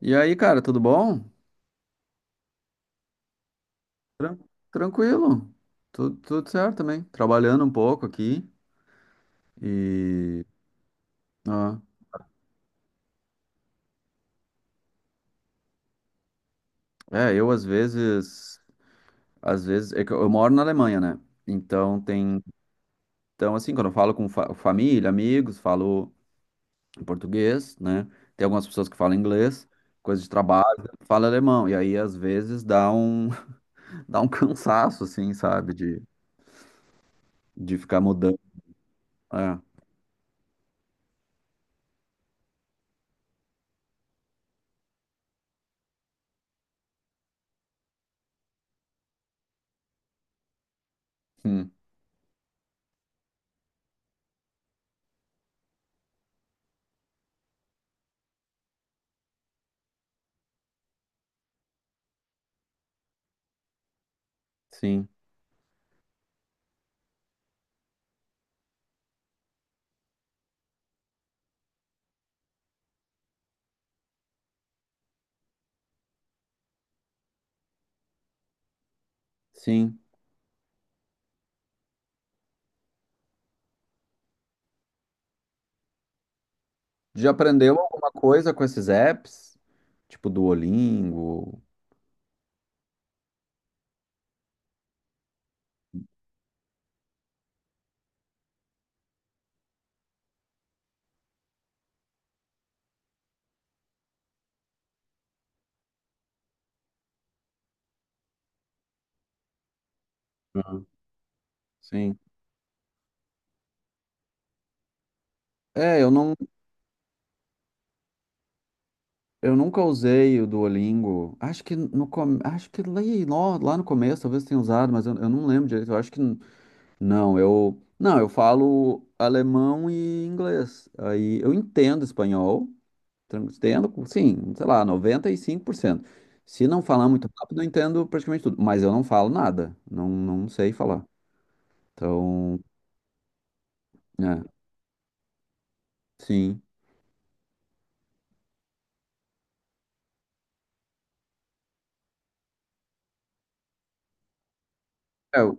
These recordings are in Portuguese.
E aí, cara, tudo bom? Tran- Tranquilo. Tudo certo também. Trabalhando um pouco aqui e ah, é, às vezes é que eu moro na Alemanha, né? Então tem, então assim, quando eu falo com família, amigos, falo em português, né? Tem algumas pessoas que falam inglês, coisa de trabalho, fala alemão. E aí às vezes dá um dá um cansaço assim, sabe, de ficar mudando. É. Hum, sim. Sim. Já aprendeu alguma coisa com esses apps? Tipo Duolingo? Aham, sim. É, eu não, eu nunca usei o Duolingo. Acho que no com- acho que lá no começo talvez tenha usado, mas eu não lembro direito. Eu acho que não, eu não, eu falo alemão e inglês. Aí eu entendo espanhol, entendo, sim, sei lá, 95%. Se não falar muito rápido, eu entendo praticamente tudo, mas eu não falo nada. Não, não sei falar. Então, é, sim. É, Eu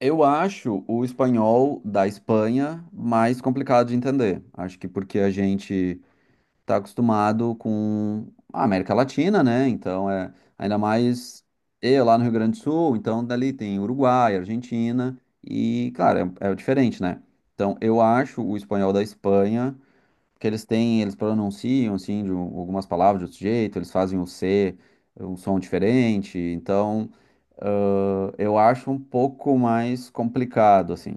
eu acho o espanhol da Espanha mais complicado de entender. Acho que porque a gente está acostumado com a América Latina, né? Então é ainda mais eu lá no Rio Grande do Sul, então dali tem Uruguai, Argentina e, claro, é, é diferente, né? Então eu acho o espanhol da Espanha. Porque eles pronunciam assim algumas palavras de outro jeito, eles fazem o C, um som diferente, então eu acho um pouco mais complicado assim.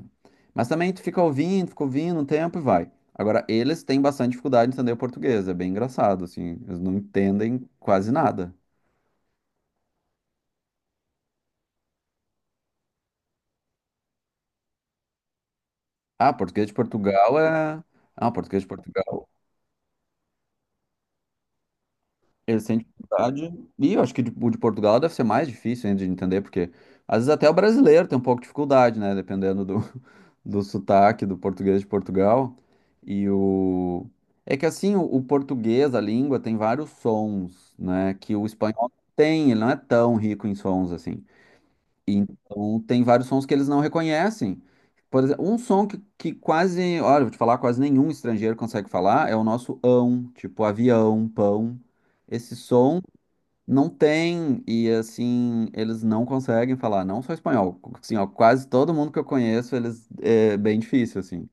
Mas também tu fica ouvindo um tempo e vai. Agora, eles têm bastante dificuldade de entender o português, é bem engraçado assim, eles não entendem quase nada. Ah, português de Portugal é. Ah, português de Portugal. Eles têm dificuldade. E eu acho que o de Portugal deve ser mais difícil ainda de entender, porque às vezes até o brasileiro tem um pouco de dificuldade, né? Dependendo do, do sotaque do português de Portugal. E o. É que assim, o português, a língua, tem vários sons, né? Que o espanhol não tem, ele não é tão rico em sons assim. Então, tem vários sons que eles não reconhecem. Por exemplo, um som que quase, olha, vou te falar, quase nenhum estrangeiro consegue falar é o nosso ão, tipo avião, pão. Esse som não tem, e assim, eles não conseguem falar, não só espanhol. Assim, ó, quase todo mundo que eu conheço, eles, é bem difícil, assim.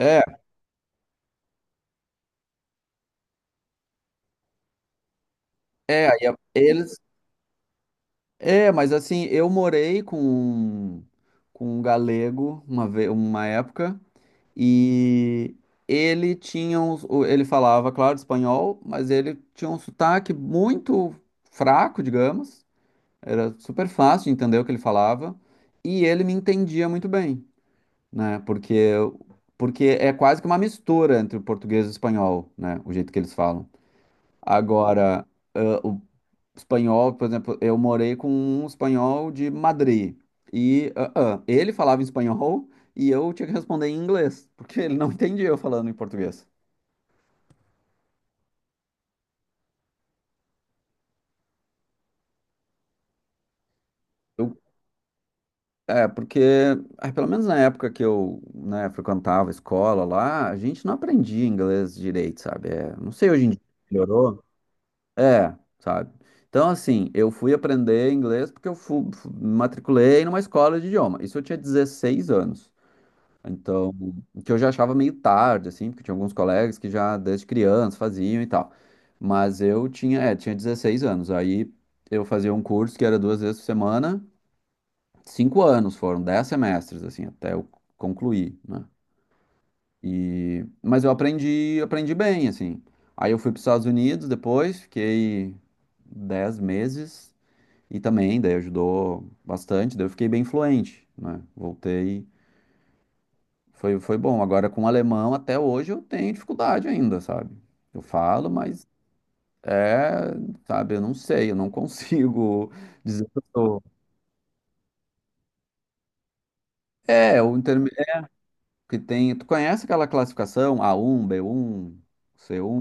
É, é, aí eles. É, mas assim, eu morei com um galego uma, uma época. E ele tinha um, ele falava, claro, espanhol, mas ele tinha um sotaque muito fraco, digamos. Era super fácil de entender o que ele falava. E ele me entendia muito bem, né? Porque, porque é quase que uma mistura entre o português e o espanhol, né? O jeito que eles falam. Agora, espanhol, por exemplo, eu morei com um espanhol de Madrid. E ele falava em espanhol e eu tinha que responder em inglês, porque ele não entendia eu falando em português. Eu, é, porque, ah, pelo menos na época que eu, né, frequentava a escola lá, a gente não aprendia inglês direito, sabe? É, não sei hoje em dia. Melhorou? É, sabe? Então, assim, eu fui aprender inglês porque eu fui, matriculei numa escola de idioma. Isso eu tinha 16 anos. Então, o que eu já achava meio tarde, assim, porque tinha alguns colegas que já desde criança faziam e tal. Mas eu tinha, é, tinha 16 anos. Aí eu fazia um curso que era duas vezes por semana, 5 anos foram, 10 semestres, assim, até eu concluir, né? E, mas eu aprendi, aprendi bem, assim. Aí eu fui para os Estados Unidos depois, fiquei 10 meses e também, daí ajudou bastante, daí eu fiquei bem fluente, né? Voltei. Foi, foi bom. Agora, com o alemão, até hoje eu tenho dificuldade ainda, sabe? Eu falo, mas é, sabe, eu não sei, eu não consigo dizer que eu sou. É, é, que tem. Tu conhece aquela classificação a um, b um, c um,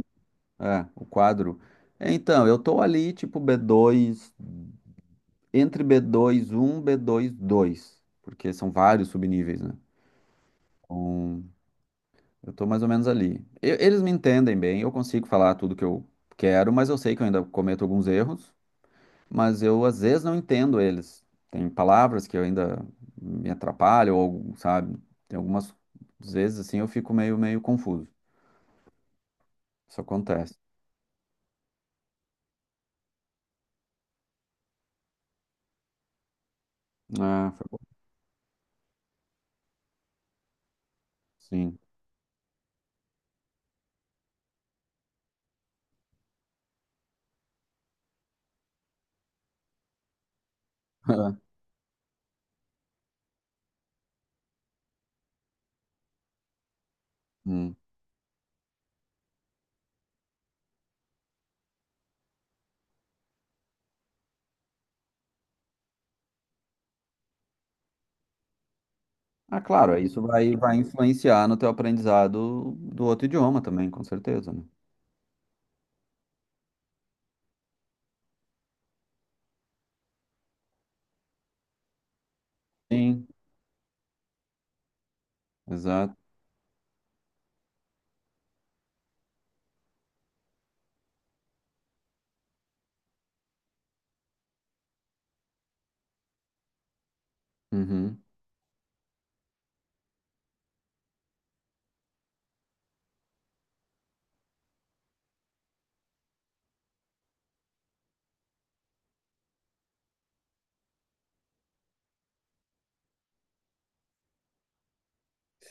é, o quadro. Então, eu tô ali, tipo, b dois, entre b dois um, b dois dois, porque são vários subníveis, né? Então, eu tô mais ou menos ali. Eles me entendem bem, eu consigo falar tudo que eu quero, mas eu sei que eu ainda cometo alguns erros, mas eu às vezes não entendo eles. Tem palavras que eu ainda me atrapalho, ou, algo, sabe? Tem algumas às vezes assim eu fico meio confuso. Isso acontece. Ah, foi bom. Sim. Hum. Ah, claro, isso vai influenciar no teu aprendizado do outro idioma também, com certeza, né? Sim, exato. Uhum.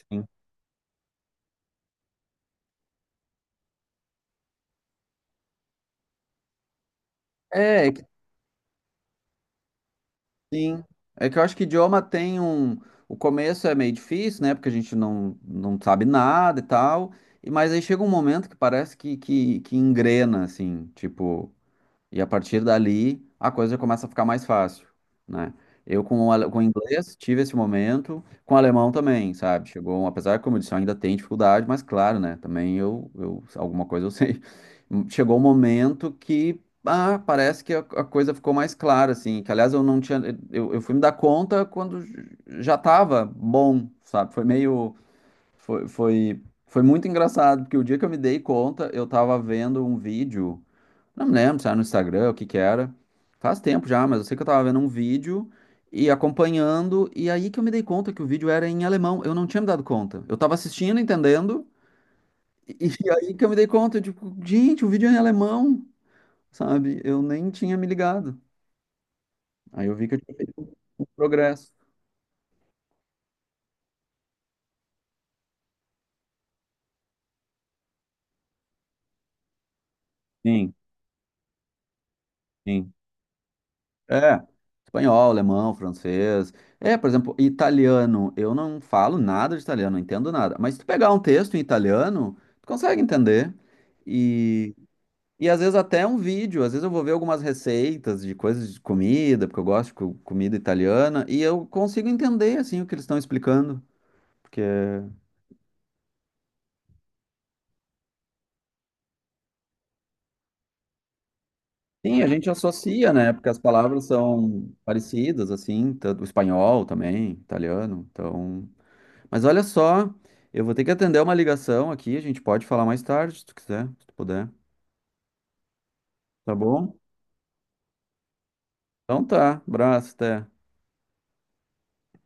Sim. É, é sim. É que eu acho que idioma tem um. O começo é meio difícil, né? Porque a gente não, não sabe nada e tal. E, mas aí chega um momento que parece que engrena, assim. Tipo, e a partir dali, a coisa já começa a ficar mais fácil, né? Eu com o, com o inglês tive esse momento, com o alemão também, sabe? Chegou, apesar que, como eu disse, eu ainda tem dificuldade, mas claro, né? Também eu alguma coisa eu sei. Chegou um momento que, ah, parece que a coisa ficou mais clara, assim. Que, aliás, eu não tinha... Eu fui me dar conta quando já tava bom, sabe? Foi meio... Foi muito engraçado, porque o dia que eu me dei conta, eu tava vendo um vídeo... Não me lembro se era no Instagram, o que que era. Faz tempo já, mas eu sei que eu tava vendo um vídeo e acompanhando, e aí que eu me dei conta que o vídeo era em alemão. Eu não tinha me dado conta. Eu tava assistindo, entendendo, e e aí que eu me dei conta, tipo, gente, o vídeo é em alemão, sabe? Eu nem tinha me ligado. Aí eu vi que eu tinha feito um progresso. Sim, sim. É. Espanhol, alemão, francês. É, por exemplo, italiano. Eu não falo nada de italiano, não entendo nada. Mas se tu pegar um texto em italiano, tu consegue entender. E e às vezes até um vídeo, às vezes eu vou ver algumas receitas de coisas de comida, porque eu gosto de comida italiana, e eu consigo entender assim o que eles estão explicando, porque sim, a gente associa, né? Porque as palavras são parecidas assim, tanto o espanhol também, italiano. Então, mas olha só, eu vou ter que atender uma ligação aqui, a gente pode falar mais tarde, se tu quiser, se tu puder. Tá bom? Então tá, abraço, até.